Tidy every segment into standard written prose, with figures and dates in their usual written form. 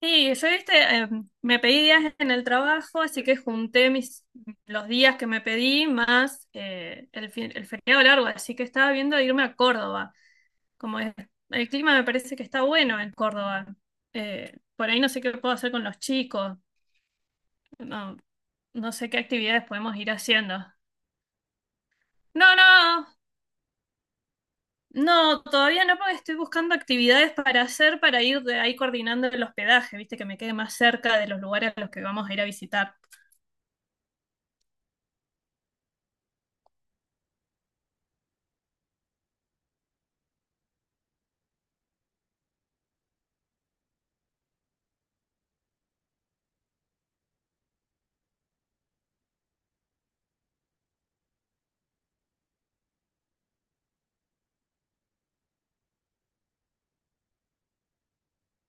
Sí, yo viste, me pedí días en el trabajo, así que junté los días que me pedí más el feriado largo, así que estaba viendo de irme a Córdoba. Como es- el clima me parece que está bueno en Córdoba. Por ahí no sé qué puedo hacer con los chicos, no, no sé qué actividades podemos ir haciendo. No, no, no, todavía no, porque estoy buscando actividades para hacer para ir de ahí coordinando el hospedaje, viste, que me quede más cerca de los lugares a los que vamos a ir a visitar.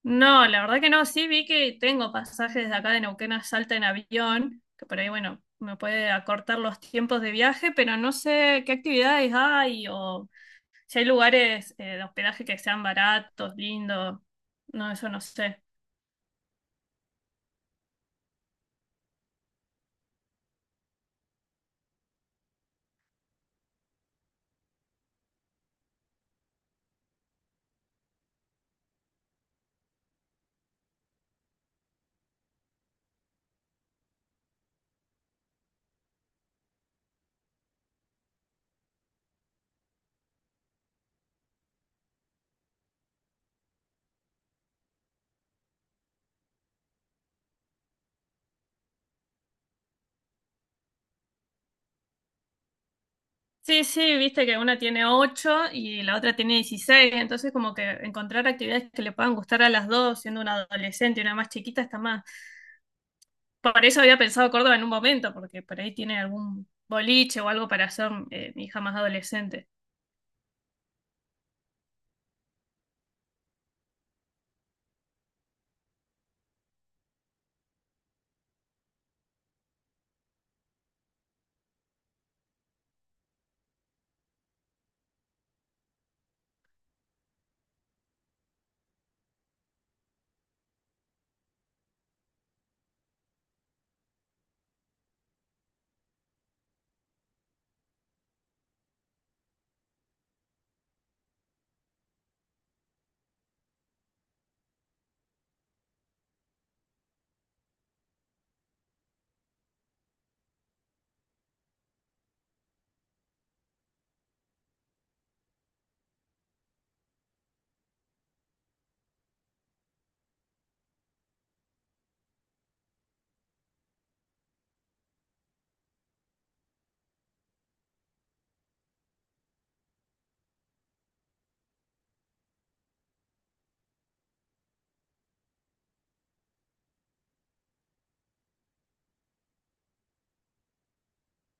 No, la verdad que no, sí vi que tengo pasajes de acá de Neuquén a Salta en avión, que por ahí, bueno, me puede acortar los tiempos de viaje, pero no sé qué actividades hay o si hay lugares de hospedaje que sean baratos, lindos, no, eso no sé. Sí, sí, viste que una tiene 8 y la otra tiene 16, entonces como que encontrar actividades que le puedan gustar a las dos, siendo una adolescente y una más chiquita, está más. Por eso había pensado Córdoba en un momento, porque por ahí tiene algún boliche o algo para hacer mi hija más adolescente.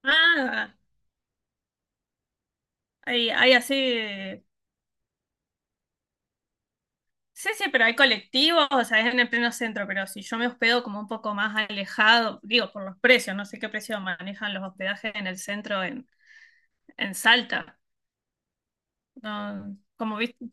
Ah, hay así. Sí, sí, pero hay colectivos, o sea, es en el pleno centro, pero si yo me hospedo como un poco más alejado, digo, por los precios, no sé qué precio manejan los hospedajes en el centro en Salta. No, como viste.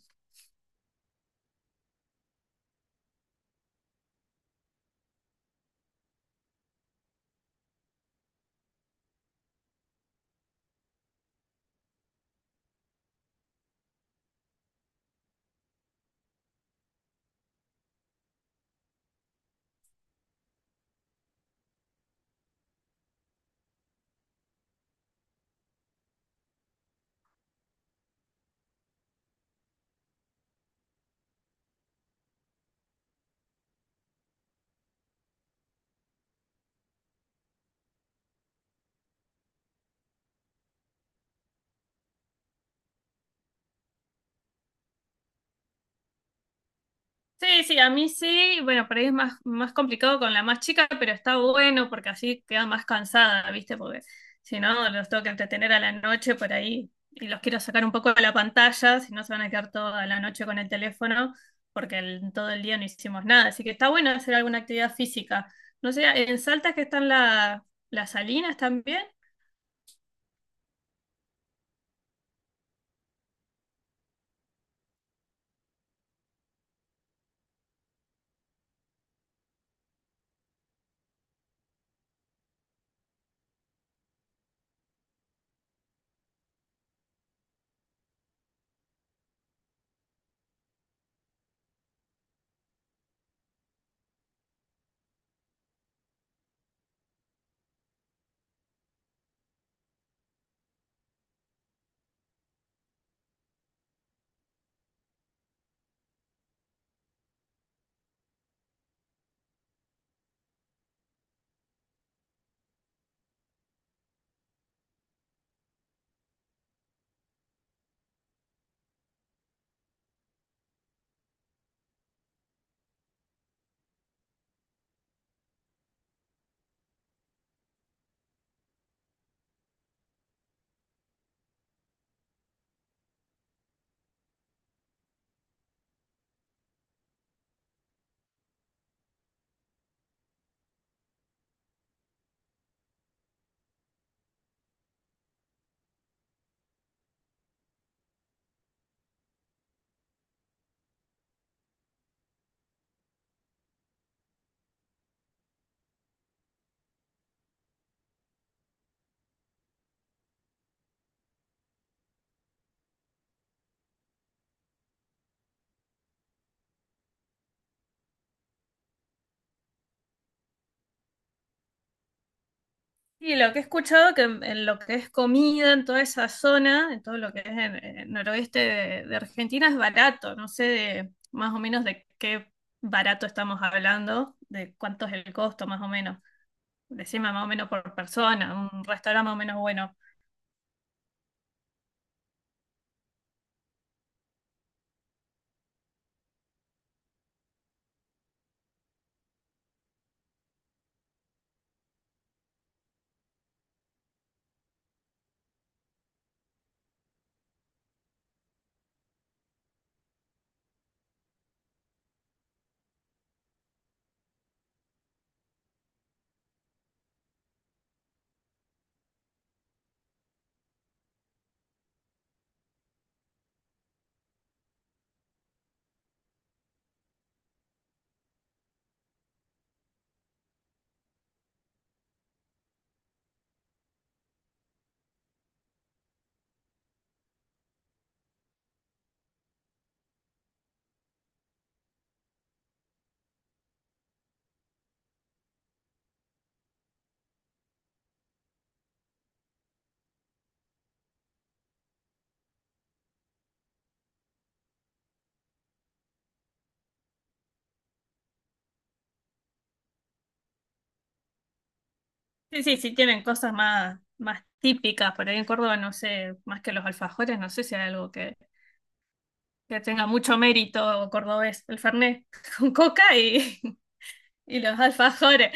Sí, sí, a mí sí, bueno, por ahí es más, más complicado con la más chica, pero está bueno porque así queda más cansada, ¿viste? Porque si no, los tengo que entretener a la noche por ahí y los quiero sacar un poco de la pantalla, si no se van a quedar toda la noche con el teléfono porque todo el día no hicimos nada. Así que está bueno hacer alguna actividad física. No sé, en Salta que están las salinas también. Y lo que he escuchado que en lo que es comida, en toda esa zona, en todo lo que es el noroeste de Argentina, es barato. No sé más o menos de qué barato estamos hablando, de cuánto es el costo más o menos. Decime más o menos por persona, un restaurante más o menos bueno. Sí, sí, sí tienen cosas más, más típicas. Por ahí en Córdoba, no sé, más que los alfajores, no sé si hay algo que tenga mucho mérito cordobés. El fernet con coca y los alfajores.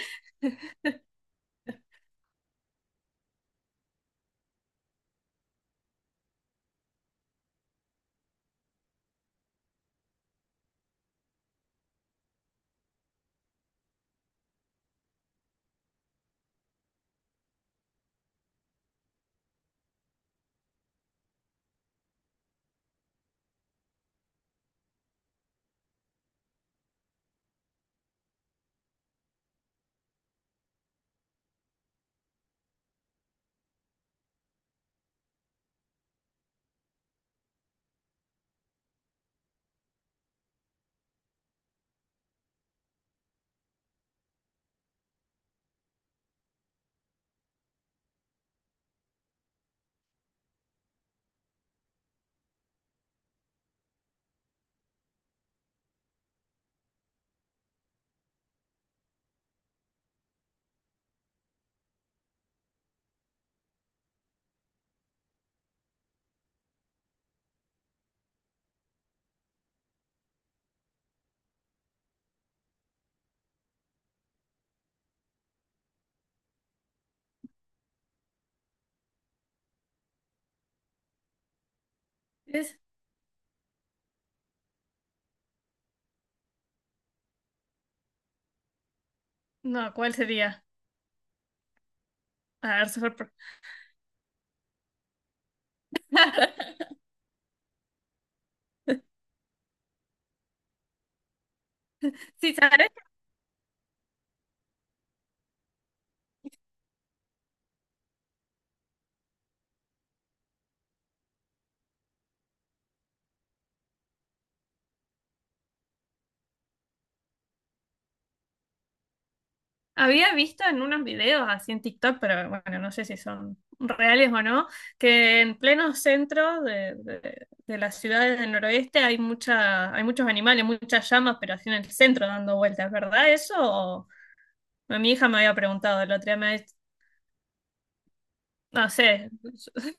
No, ¿cuál sería? A ver, super. Sí, ¿sabes? Había visto en unos videos así en TikTok, pero bueno, no sé si son reales o no, que en pleno centro de las ciudades del noroeste hay muchos animales, muchas llamas, pero así en el centro dando vueltas, ¿verdad eso? Mi hija me había preguntado el otro día, no sé.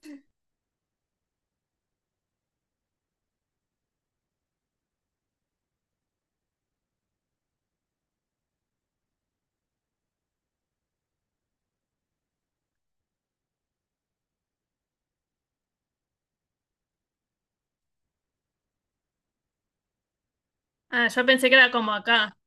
Ah, yo pensé que era como acá.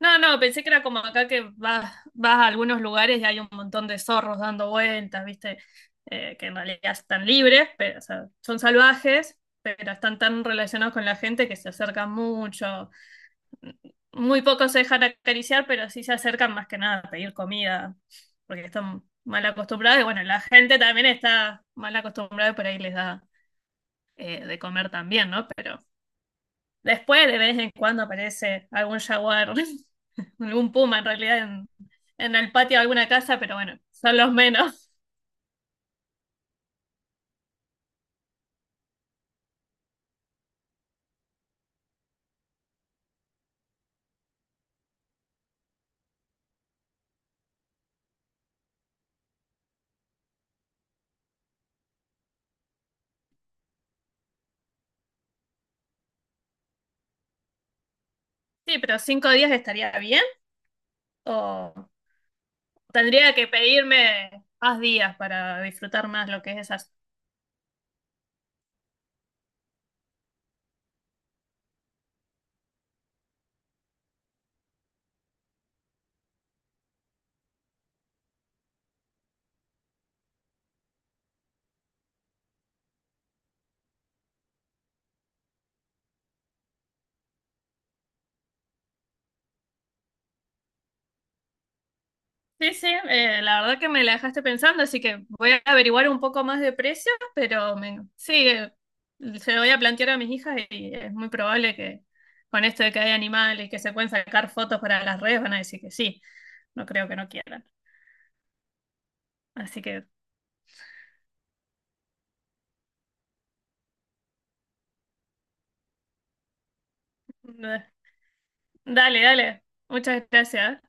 No, no, pensé que era como acá que vas a algunos lugares y hay un montón de zorros dando vueltas, ¿viste? Que en realidad están libres, pero, o sea, son salvajes, pero están tan relacionados con la gente que se acercan mucho. Muy pocos se dejan acariciar, pero sí se acercan más que nada a pedir comida, porque están mal acostumbrados. Y bueno, la gente también está mal acostumbrada y por ahí les da de comer también, ¿no? Pero después, de vez en cuando aparece algún jaguar, algún puma en realidad en el patio de alguna casa, pero bueno, son los menos. Sí, pero 5 días estaría bien o tendría que pedirme más días para disfrutar más lo que es esa. Sí, sí, la verdad que me la dejaste pensando, así que voy a averiguar un poco más de precio, pero sí, se lo voy a plantear a mis hijas y es muy probable que con esto de que hay animales y que se pueden sacar fotos para las redes van a decir que sí, no creo que no quieran. Así que, eh, dale, dale, muchas gracias.